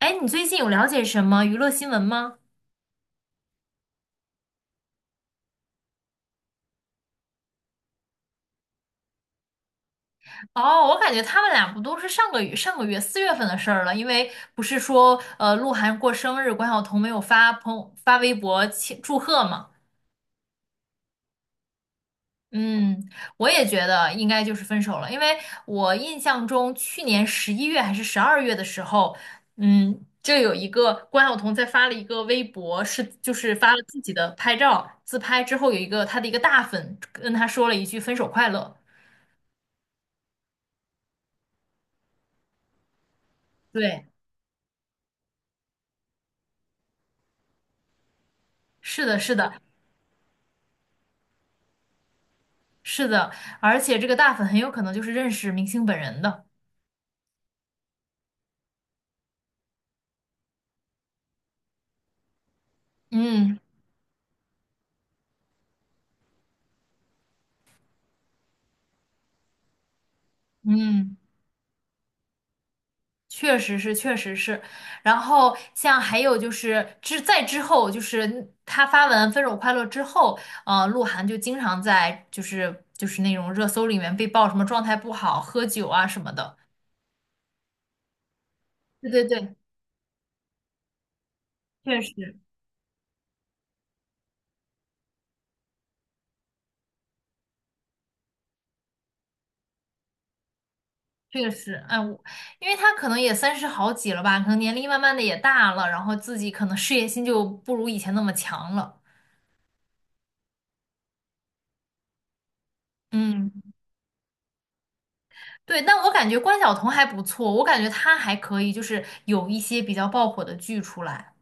哎，你最近有了解什么娱乐新闻吗？哦，我感觉他们俩不都是上个月4月份的事儿了，因为不是说鹿晗过生日，关晓彤没有发朋友发微博庆祝贺嘛？嗯，我也觉得应该就是分手了，因为我印象中去年11月还是12月的时候，就有一个关晓彤在发了一个微博，就是发了自己的拍照自拍之后，有一个她的一个大粉跟她说了一句分手快乐。对，是的，是的，是的，而且这个大粉很有可能就是认识明星本人的。嗯嗯，确实是，确实是。然后像还有就是在之后，就是他发文《分手快乐》之后，鹿晗就经常在就是那种热搜里面被曝什么状态不好、喝酒啊什么的。对对对，确实确实，哎，我因为他可能也三十好几了吧，可能年龄慢慢的也大了，然后自己可能事业心就不如以前那么强了。嗯。对，但我感觉关晓彤还不错，我感觉她还可以，就是有一些比较爆火的剧出来。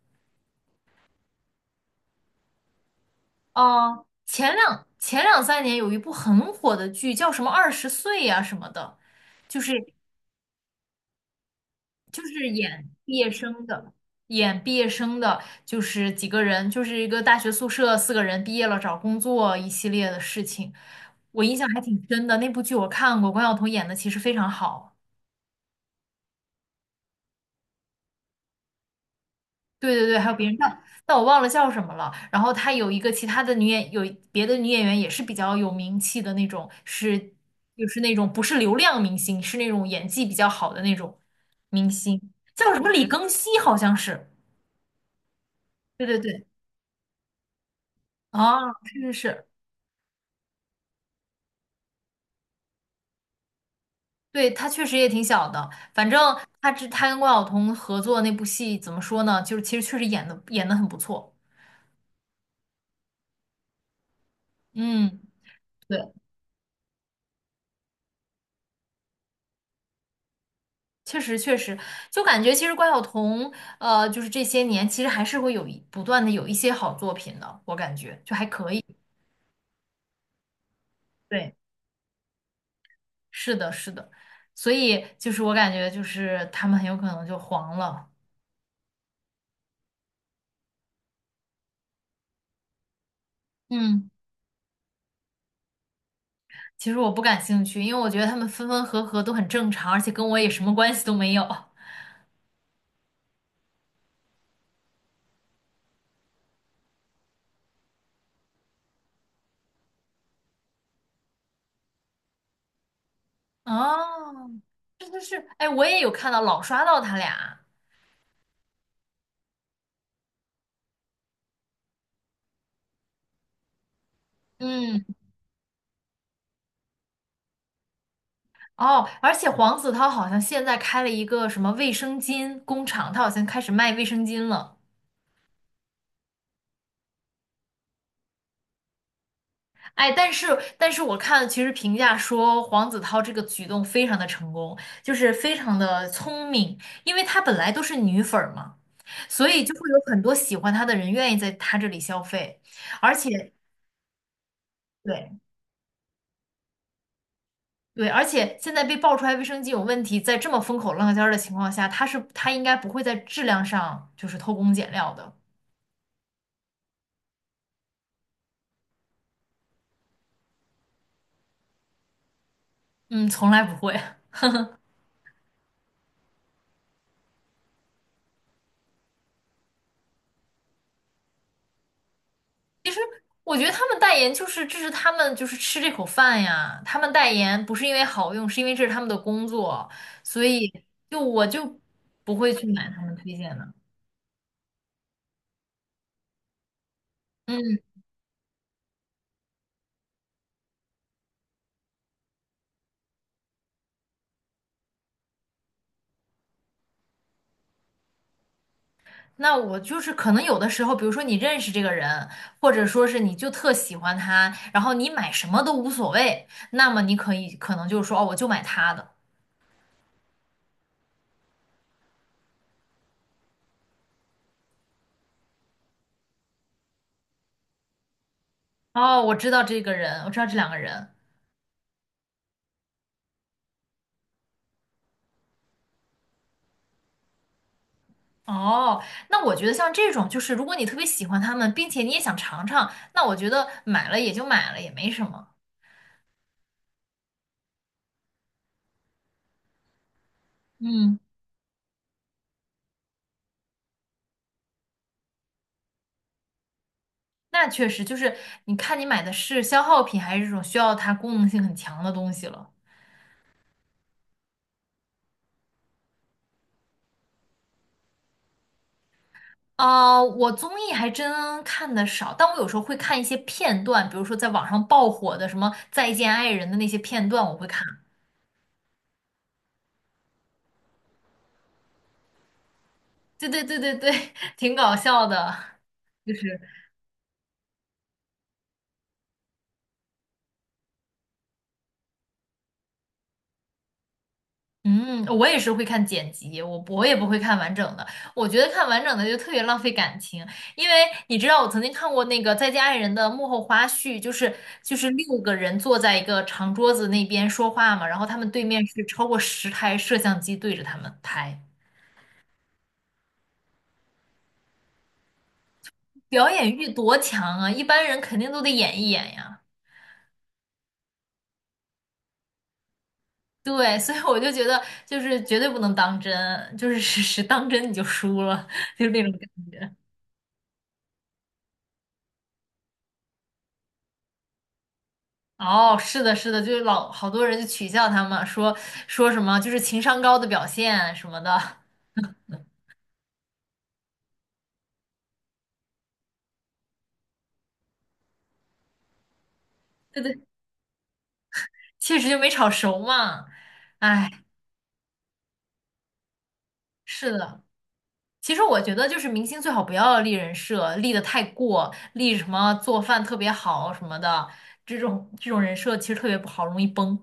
哦，前两三年有一部很火的剧，叫什么《二十岁》呀什么的，就是就是演毕业生的，演毕业生的，就是几个人，就是一个大学宿舍4个人毕业了找工作一系列的事情，我印象还挺深的。那部剧我看过，关晓彤演的其实非常好。对对对，还有别人，但我忘了叫什么了。然后她有别的女演员也是比较有名气的那种，就是那种不是流量明星，是那种演技比较好的那种明星，叫什么李庚希好像是。对对对，啊，是是是，对，她确实也挺小的。反正她跟关晓彤合作那部戏，怎么说呢？就是其实确实演的很不错。嗯，对。确实，确实，就感觉其实关晓彤，就是这些年其实还是会不断的有一些好作品的，我感觉就还可以。对，是的，是的，所以就是我感觉就是他们很有可能就黄了。嗯，其实我不感兴趣，因为我觉得他们分分合合都很正常，而且跟我也什么关系都没有。哦，哎，我也有看到老刷到他俩。嗯，哦，而且黄子韬好像现在开了一个什么卫生巾工厂，他好像开始卖卫生巾了。哎，但是我看其实评价说黄子韬这个举动非常的成功，就是非常的聪明，因为她本来都是女粉儿嘛，所以就会有很多喜欢她的人愿意在她这里消费，而且对对，而且现在被爆出来卫生巾有问题，在这么风口浪尖儿的情况下，她应该不会在质量上就是偷工减料的，嗯，从来不会。我觉得他们代言就是这是他们就是吃这口饭呀，他们代言不是因为好用，是因为这是他们的工作，所以我就不会去买他们推荐的。嗯，那我就是可能有的时候，比如说你认识这个人，或者说是你就特喜欢他，然后你买什么都无所谓，那么你可能就是说哦，我就买他的。哦，我知道这个人，我知道这2个人，哦，那我觉得像这种，就是如果你特别喜欢它们，并且你也想尝尝，那我觉得买了也就买了，也没什么。嗯，那确实就是你看你买的是消耗品，还是这种需要它功能性很强的东西了。啊、我综艺还真看的少，但我有时候会看一些片段，比如说在网上爆火的什么《再见爱人》的那些片段，我会看。对对对对对，挺搞笑的，就是。嗯，我也是会看剪辑，我也不会看完整的。我觉得看完整的就特别浪费感情，因为你知道我曾经看过那个《再见爱人》的幕后花絮，就是6个人坐在一个长桌子那边说话嘛，然后他们对面是超过10台摄像机对着他们拍，表演欲多强啊！一般人肯定都得演一演呀。对，所以我就觉得就是绝对不能当真，就是当真你就输了，就是那种感觉。哦，是的，是的，就是老好多人就取笑他们，说什么就是情商高的表现什么的，对对，确实就没炒熟嘛。哎，是的，其实我觉得就是明星最好不要立人设，立的太过，立什么做饭特别好什么的，这种人设其实特别不好，容易崩。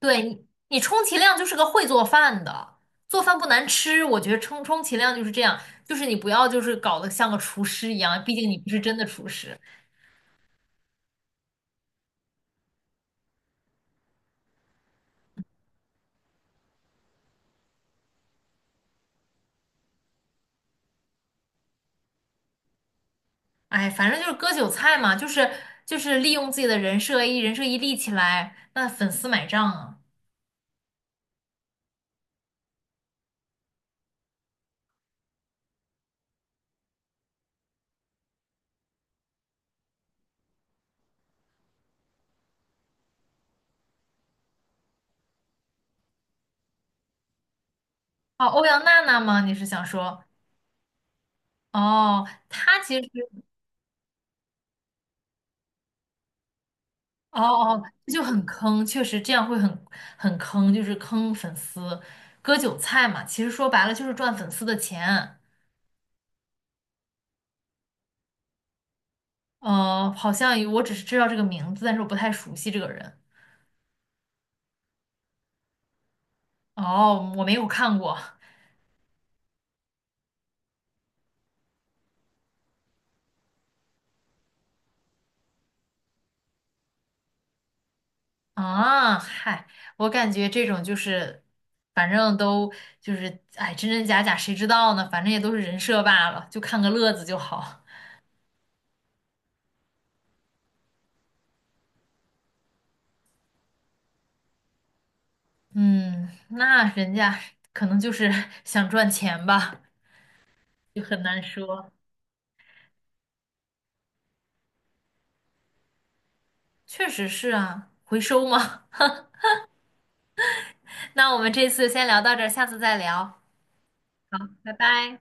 对你充其量就是个会做饭的，做饭不难吃，我觉得充其量就是这样，就是你不要就是搞得像个厨师一样，毕竟你不是真的厨师。哎，反正就是割韭菜嘛，就是利用自己的人设一立起来，那粉丝买账啊。哦，欧阳娜娜吗？你是想说？哦，她其实哦哦，这就很坑，确实这样会很坑，就是坑粉丝，割韭菜嘛。其实说白了就是赚粉丝的钱。好像我只是知道这个名字，但是我不太熟悉这个人。哦，我没有看过。啊，嗨，我感觉这种就是，反正都就是，哎，真真假假谁知道呢？反正也都是人设罢了，就看个乐子就好。嗯，那人家可能就是 想赚钱吧，就很难说。确实是啊，回收吗？那我们这次先聊到这儿，下次再聊，拜拜。